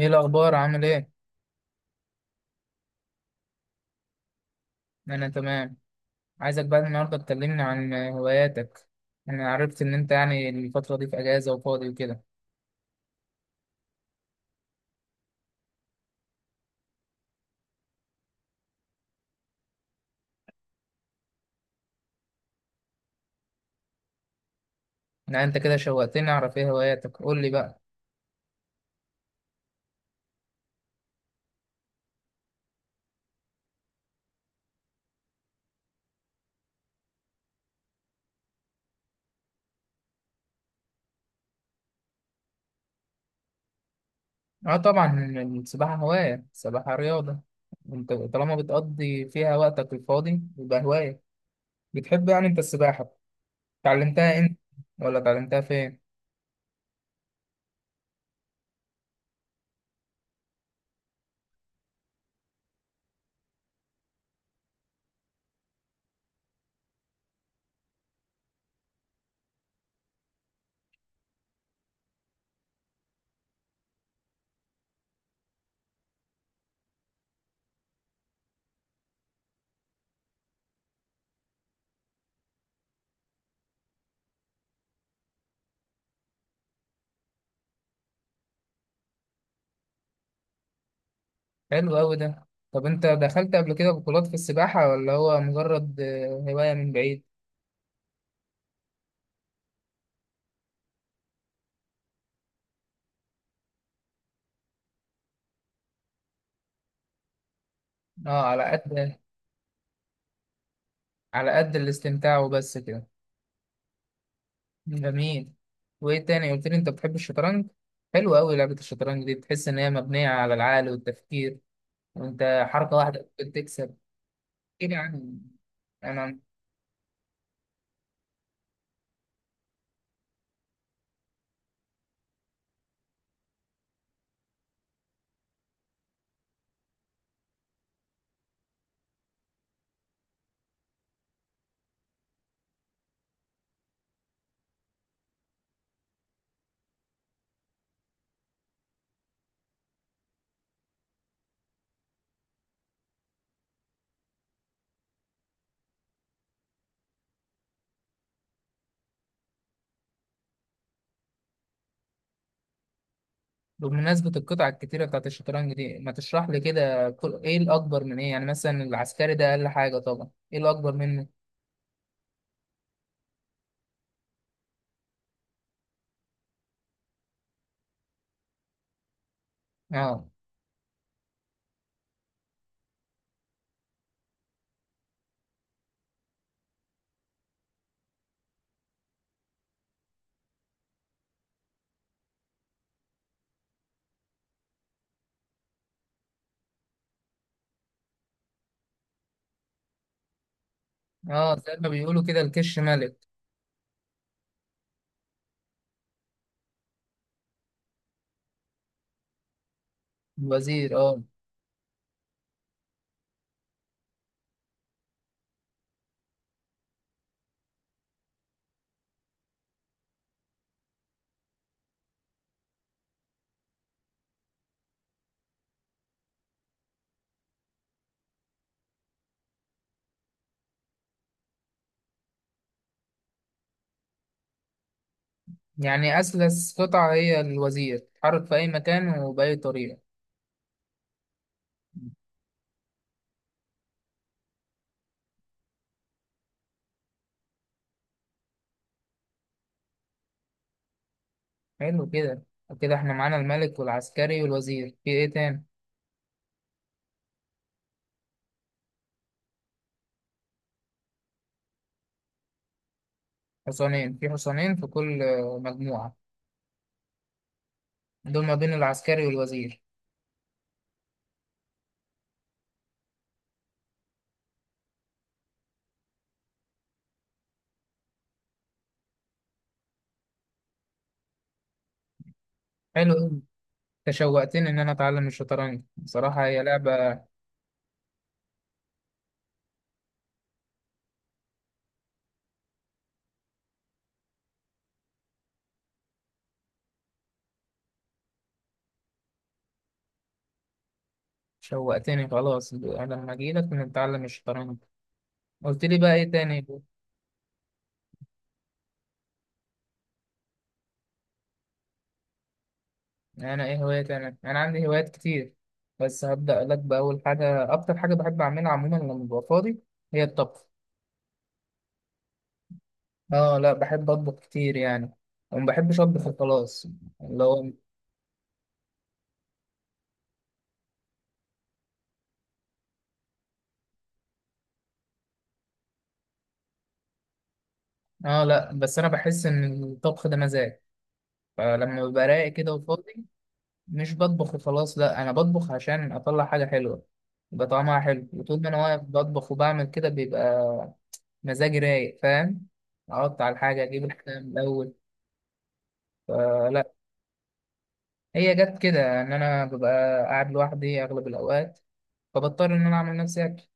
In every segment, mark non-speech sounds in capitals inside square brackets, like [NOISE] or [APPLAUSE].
ايه الاخبار عامل ايه؟ انا تمام. عايزك بقى النهارده تكلمني عن هواياتك. انا عرفت ان انت يعني الفتره دي في اجازه وفاضي وكده. لا انت كده شوقتني اعرف ايه هواياتك، قول لي بقى. اه طبعا، السباحه هوايه، السباحه رياضه، انت طالما بتقضي فيها وقتك الفاضي يبقى هوايه. بتحب يعني انت السباحه؟ اتعلمتها امتى؟ ولا اتعلمتها فين؟ حلو قوي ده. طب انت دخلت قبل كده بطولات في السباحه ولا هو مجرد هوايه من بعيد؟ اه على قد، على قد الاستمتاع وبس كده. جميل. وايه تاني قلت لي انت بتحب الشطرنج. حلو قوي لعبة الشطرنج دي، بتحس ان هي مبنية على العقل والتفكير وانت حركة واحدة ممكن تكسب. كده يعني. انا بمناسبة القطع الكتيرة بتاعت الشطرنج دي ما تشرح لي كده كل... ايه الاكبر من ايه؟ يعني مثلا العسكري ده اقل حاجة طبعا، ايه الاكبر منه؟ اه. اه زي ما بيقولوا كده الكش ملك. الوزير اه. يعني اسلس قطعة هي الوزير، تتحرك في اي مكان وباي طريقة. حلو كده. كده احنا معانا الملك والعسكري والوزير، في ايه تاني؟ حصانين؟ في حصانين في كل مجموعة؟ دول ما بين العسكري والوزير. حلو أوي. تشوقتني ان انا اتعلم الشطرنج بصراحة، هي لعبة. شوقتني خلاص، انا لما اجيلك نتعلم الشطرنج. قلت لي بقى ايه تاني؟ انا ايه هوايات؟ انا انا عندي هوايات كتير، بس هبدأ لك بأول حاجة أكتر حاجة بحب أعملها عموما لما ببقى فاضي، هي الطبخ. آه لا، بحب أطبخ كتير يعني، وما بحبش أطبخ خلاص. اللي هو اه لا، بس انا بحس ان الطبخ ده مزاج، فلما ببقى رايق كده وفاضي، مش بطبخ وخلاص، لا انا بطبخ عشان اطلع حاجه حلوه، يبقى طعمها حلو، وطول ما انا واقف بطبخ وبعمل كده بيبقى مزاجي رايق، فاهم؟ اقطع على الحاجه، اجيب الحاجه من الاول، فلا. هي جت كده ان انا ببقى قاعد لوحدي اغلب الاوقات، فبضطر ان انا اعمل نفسي أكل.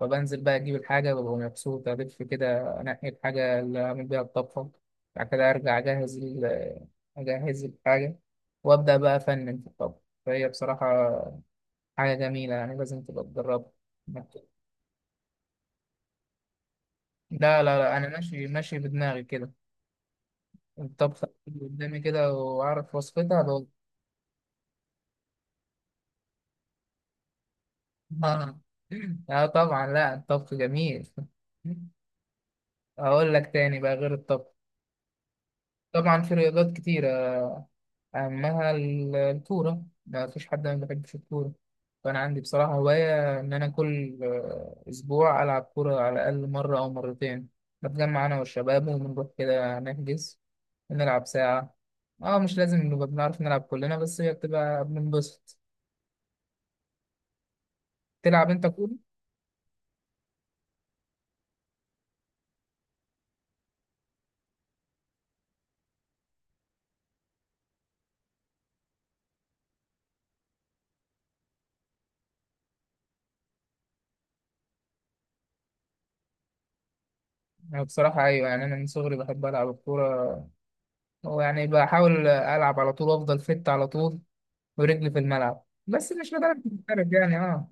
فبنزل بقى أجيب الحاجة، ببقى مبسوط ألف كده، أنقي الحاجة اللي هعمل بيها الطبخة. بعد كده أرجع أجهز الحاجة، وأبدأ بقى أفنن في الطبخ. فهي بصراحة حاجة جميلة، يعني لازم تبقى تجربها. لا لا لا، أنا ماشي، ماشي بدماغي كده. الطبخة بتيجي قدامي كده وأعرف وصفتها بقول. آه. [LAUGHS] لا طبعا، لا الطبخ جميل. [LAUGHS] أقول لك تاني بقى غير الطبخ. طبعا في رياضات كتيرة. أما الكورة، ما فيش حد ما بيحبش الكورة، فأنا عندي بصراحة هواية إن أنا كل أسبوع ألعب كورة على الأقل مرة أو مرتين. بتجمع أنا والشباب وبنروح كده نحجز ونلعب ساعة. أه مش لازم نبقى بنعرف نلعب كلنا، بس هي بتبقى بننبسط. تلعب أنت كورة؟ أنا بصراحة أيوة، يعني أنا من صغري بحب ألعب الكورة، ويعني بحاول ألعب على طول وأفضل فت على طول ورجلي في الملعب، بس مش لدرجة محترف يعني، أه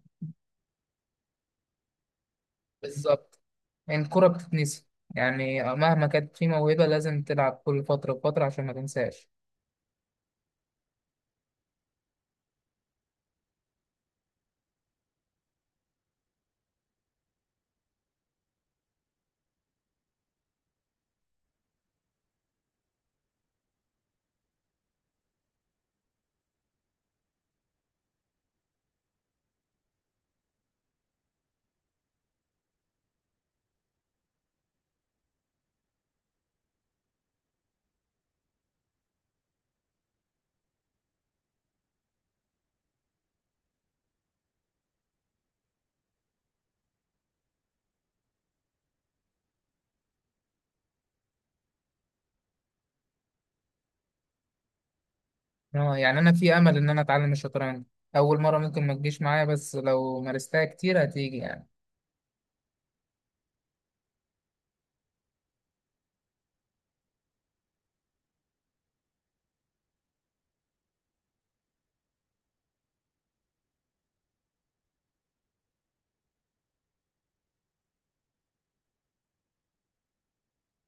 بالظبط. يعني الكرة بتتنسي، يعني مهما كانت في موهبة لازم تلعب كل فترة وفترة عشان ما تنساش. اه يعني أنا في أمل إن أنا أتعلم الشطرنج، أول مرة ممكن ما تجيش معايا بس لو مارستها كتير هتيجي يعني.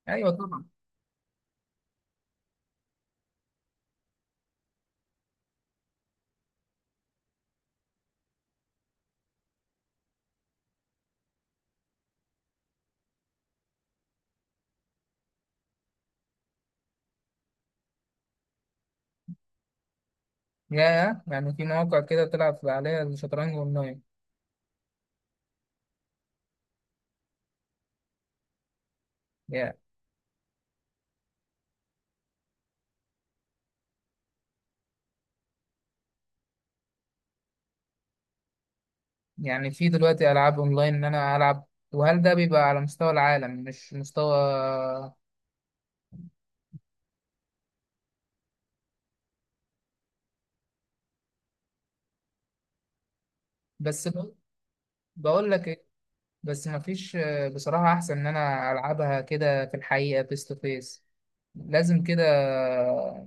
أيوة طبعا. يا يعني في مواقع كده تلعب عليها الشطرنج أونلاين؟ يا يعني في دلوقتي ألعاب أونلاين إن أنا ألعب؟ وهل ده بيبقى على مستوى العالم مش مستوى؟ بس بقول لك، بس مفيش بصراحة أحسن إن أنا ألعبها كده في الحقيقة فيس تو فيس. لازم كده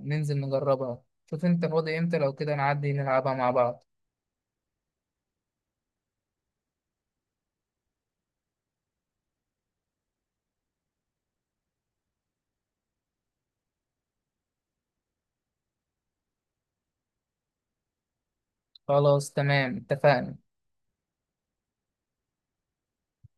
ننزل نجربها، شوف أنت فاضي إمتى لو كده نعدي نلعبها مع بعض. خلاص تمام، اتفقنا.